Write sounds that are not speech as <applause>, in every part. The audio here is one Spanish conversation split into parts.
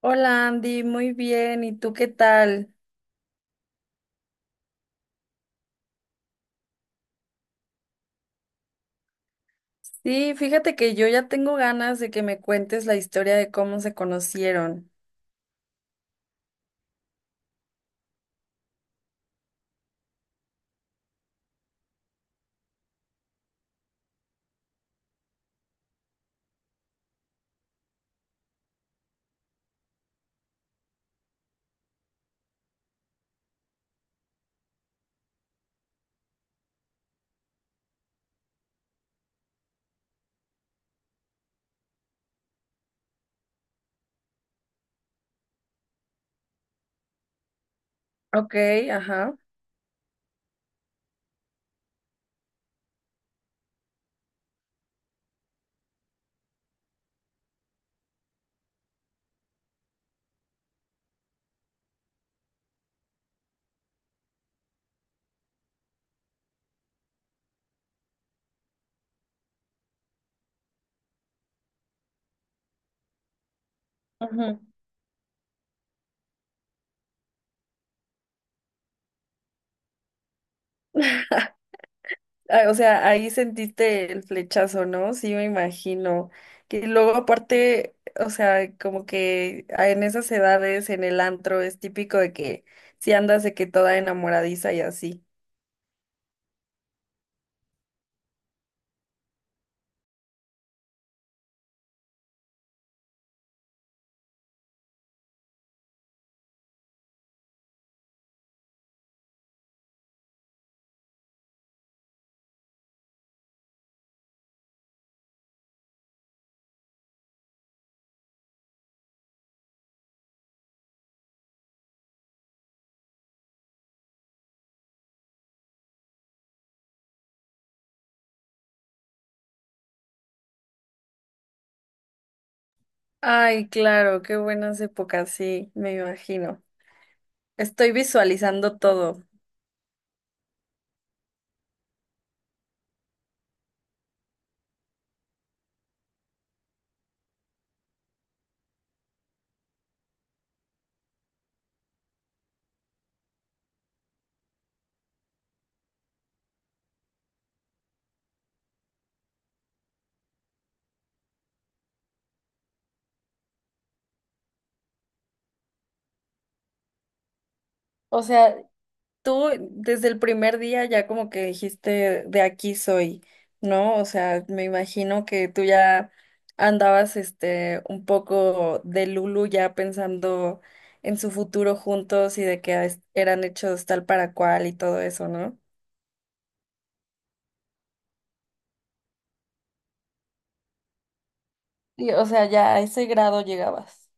Hola Andy, muy bien. ¿Y tú qué tal? Sí, fíjate que yo ya tengo ganas de que me cuentes la historia de cómo se conocieron. Ok, ajá. Ujú. <laughs> Ah, o sea, ahí sentiste el flechazo, ¿no? Sí, me imagino. Que luego aparte, o sea, como que en esas edades, en el antro, es típico de que si andas de que toda enamoradiza y así. Ay, claro, qué buenas épocas, sí, me imagino. Estoy visualizando todo. O sea, tú desde el primer día ya como que dijiste de aquí soy, ¿no? O sea, me imagino que tú ya andabas un poco de Lulu ya pensando en su futuro juntos y de que ah, eran hechos tal para cual y todo eso, ¿no? Sí, o sea, ya a ese grado llegabas.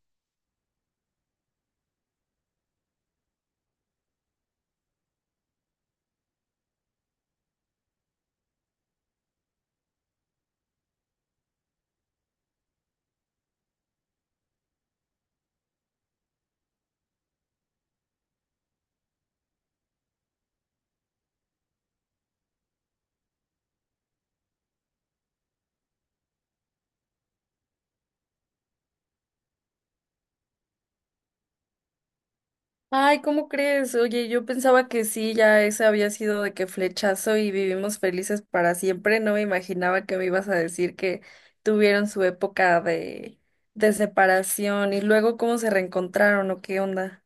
Ay, ¿cómo crees? Oye, yo pensaba que sí, ya ese había sido de que flechazo y vivimos felices para siempre. No me imaginaba que me ibas a decir que tuvieron su época de separación y luego cómo se reencontraron o qué onda.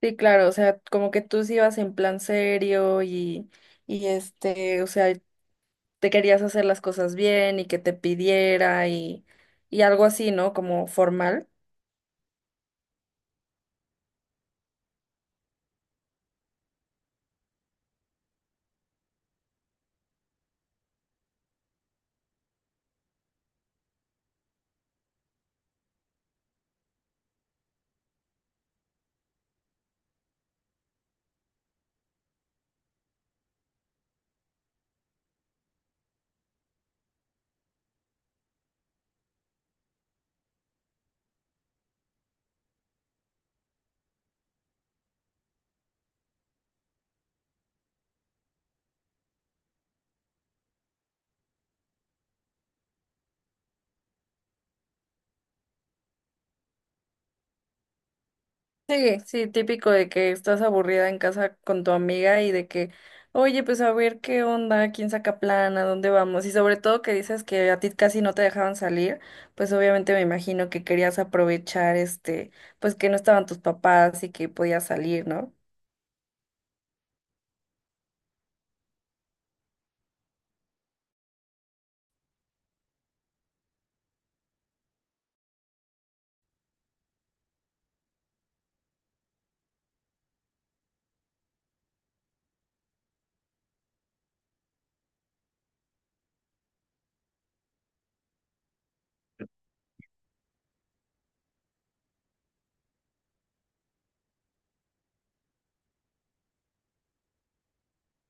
Sí, claro, o sea, como que tú sí ibas en plan serio y este, o sea, te querías hacer las cosas bien y que te pidiera y algo así, ¿no? Como formal. Sí, sí, típico de que estás aburrida en casa con tu amiga y de que, oye, pues a ver qué onda, quién saca plan, a dónde vamos. Y sobre todo que dices que a ti casi no te dejaban salir, pues obviamente me imagino que querías aprovechar este, pues que no estaban tus papás y que podías salir, ¿no?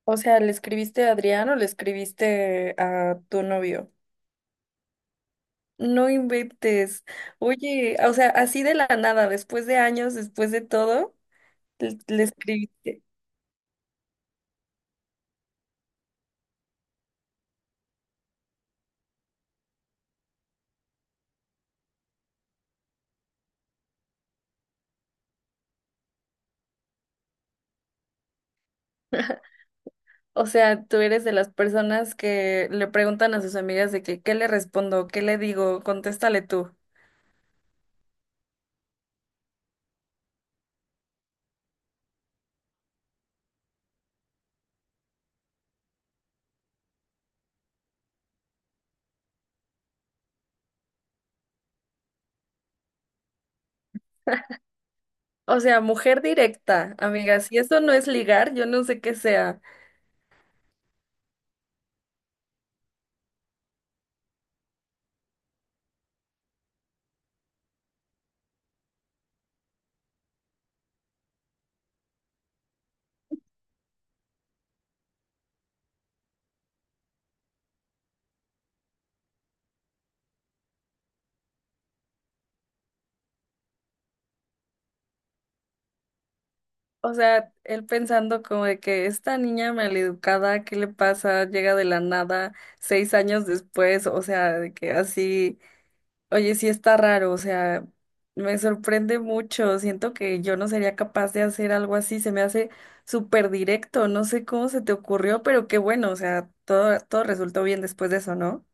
O sea, ¿le escribiste a Adrián o le escribiste a tu novio? No inventes. Oye, o sea, así de la nada, después de años, después de todo, le escribiste. O sea, tú eres de las personas que le preguntan a sus amigas de que, ¿qué le respondo? ¿Qué le digo? Contéstale tú. O sea, mujer directa, amigas. Si eso no es ligar, yo no sé qué sea. O sea, él pensando como de que esta niña maleducada, ¿qué le pasa? Llega de la nada 6 años después, o sea, de que así. Oye, sí está raro, o sea, me sorprende mucho. Siento que yo no sería capaz de hacer algo así. Se me hace súper directo. No sé cómo se te ocurrió, pero qué bueno, o sea, todo, todo resultó bien después de eso, ¿no?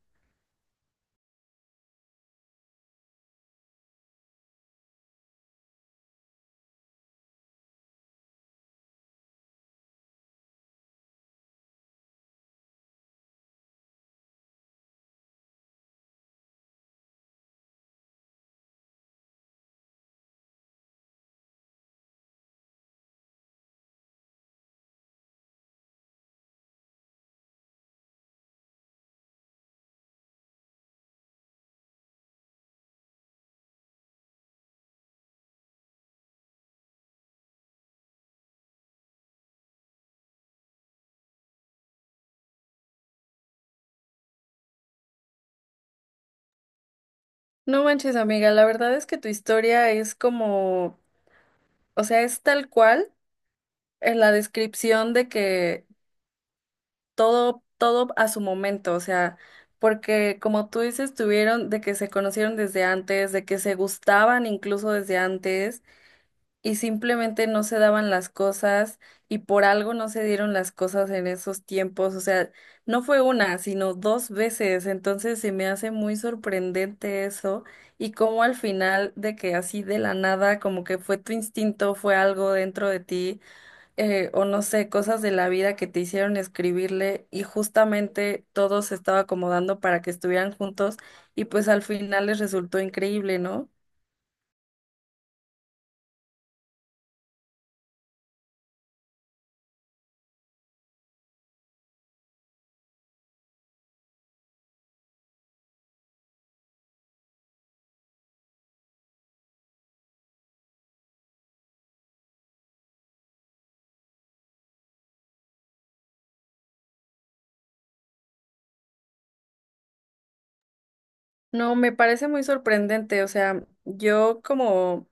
No manches, amiga, la verdad es que tu historia es como, o sea, es tal cual en la descripción de que todo, todo a su momento, o sea, porque como tú dices, tuvieron de que se conocieron desde antes, de que se gustaban incluso desde antes y simplemente no se daban las cosas y por algo no se dieron las cosas en esos tiempos. O sea, no fue una, sino dos veces. Entonces se me hace muy sorprendente eso y cómo al final de que así de la nada, como que fue tu instinto, fue algo dentro de ti, o no sé, cosas de la vida que te hicieron escribirle y justamente todo se estaba acomodando para que estuvieran juntos y pues al final les resultó increíble, ¿no? No, me parece muy sorprendente. O sea, yo como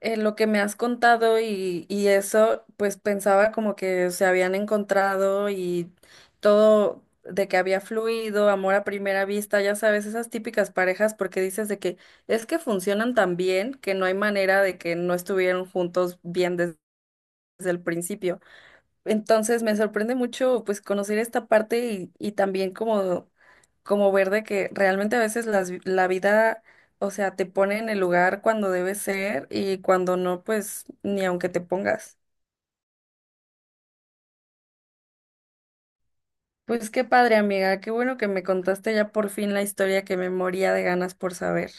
en lo que me has contado y eso, pues pensaba como que se habían encontrado y todo de que había fluido, amor a primera vista, ya sabes, esas típicas parejas, porque dices de que es que funcionan tan bien que no hay manera de que no estuvieran juntos desde el principio. Entonces me sorprende mucho pues conocer esta parte y también como, como ver de que realmente a veces la vida, o sea, te pone en el lugar cuando debe ser y cuando no, pues ni aunque te pongas. Pues qué padre, amiga, qué bueno que me contaste ya por fin la historia que me moría de ganas por saber.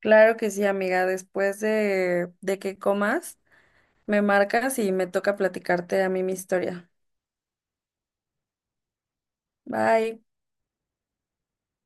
Claro que sí, amiga, después de que comas, me marcas y me toca platicarte a mí mi historia. Bye.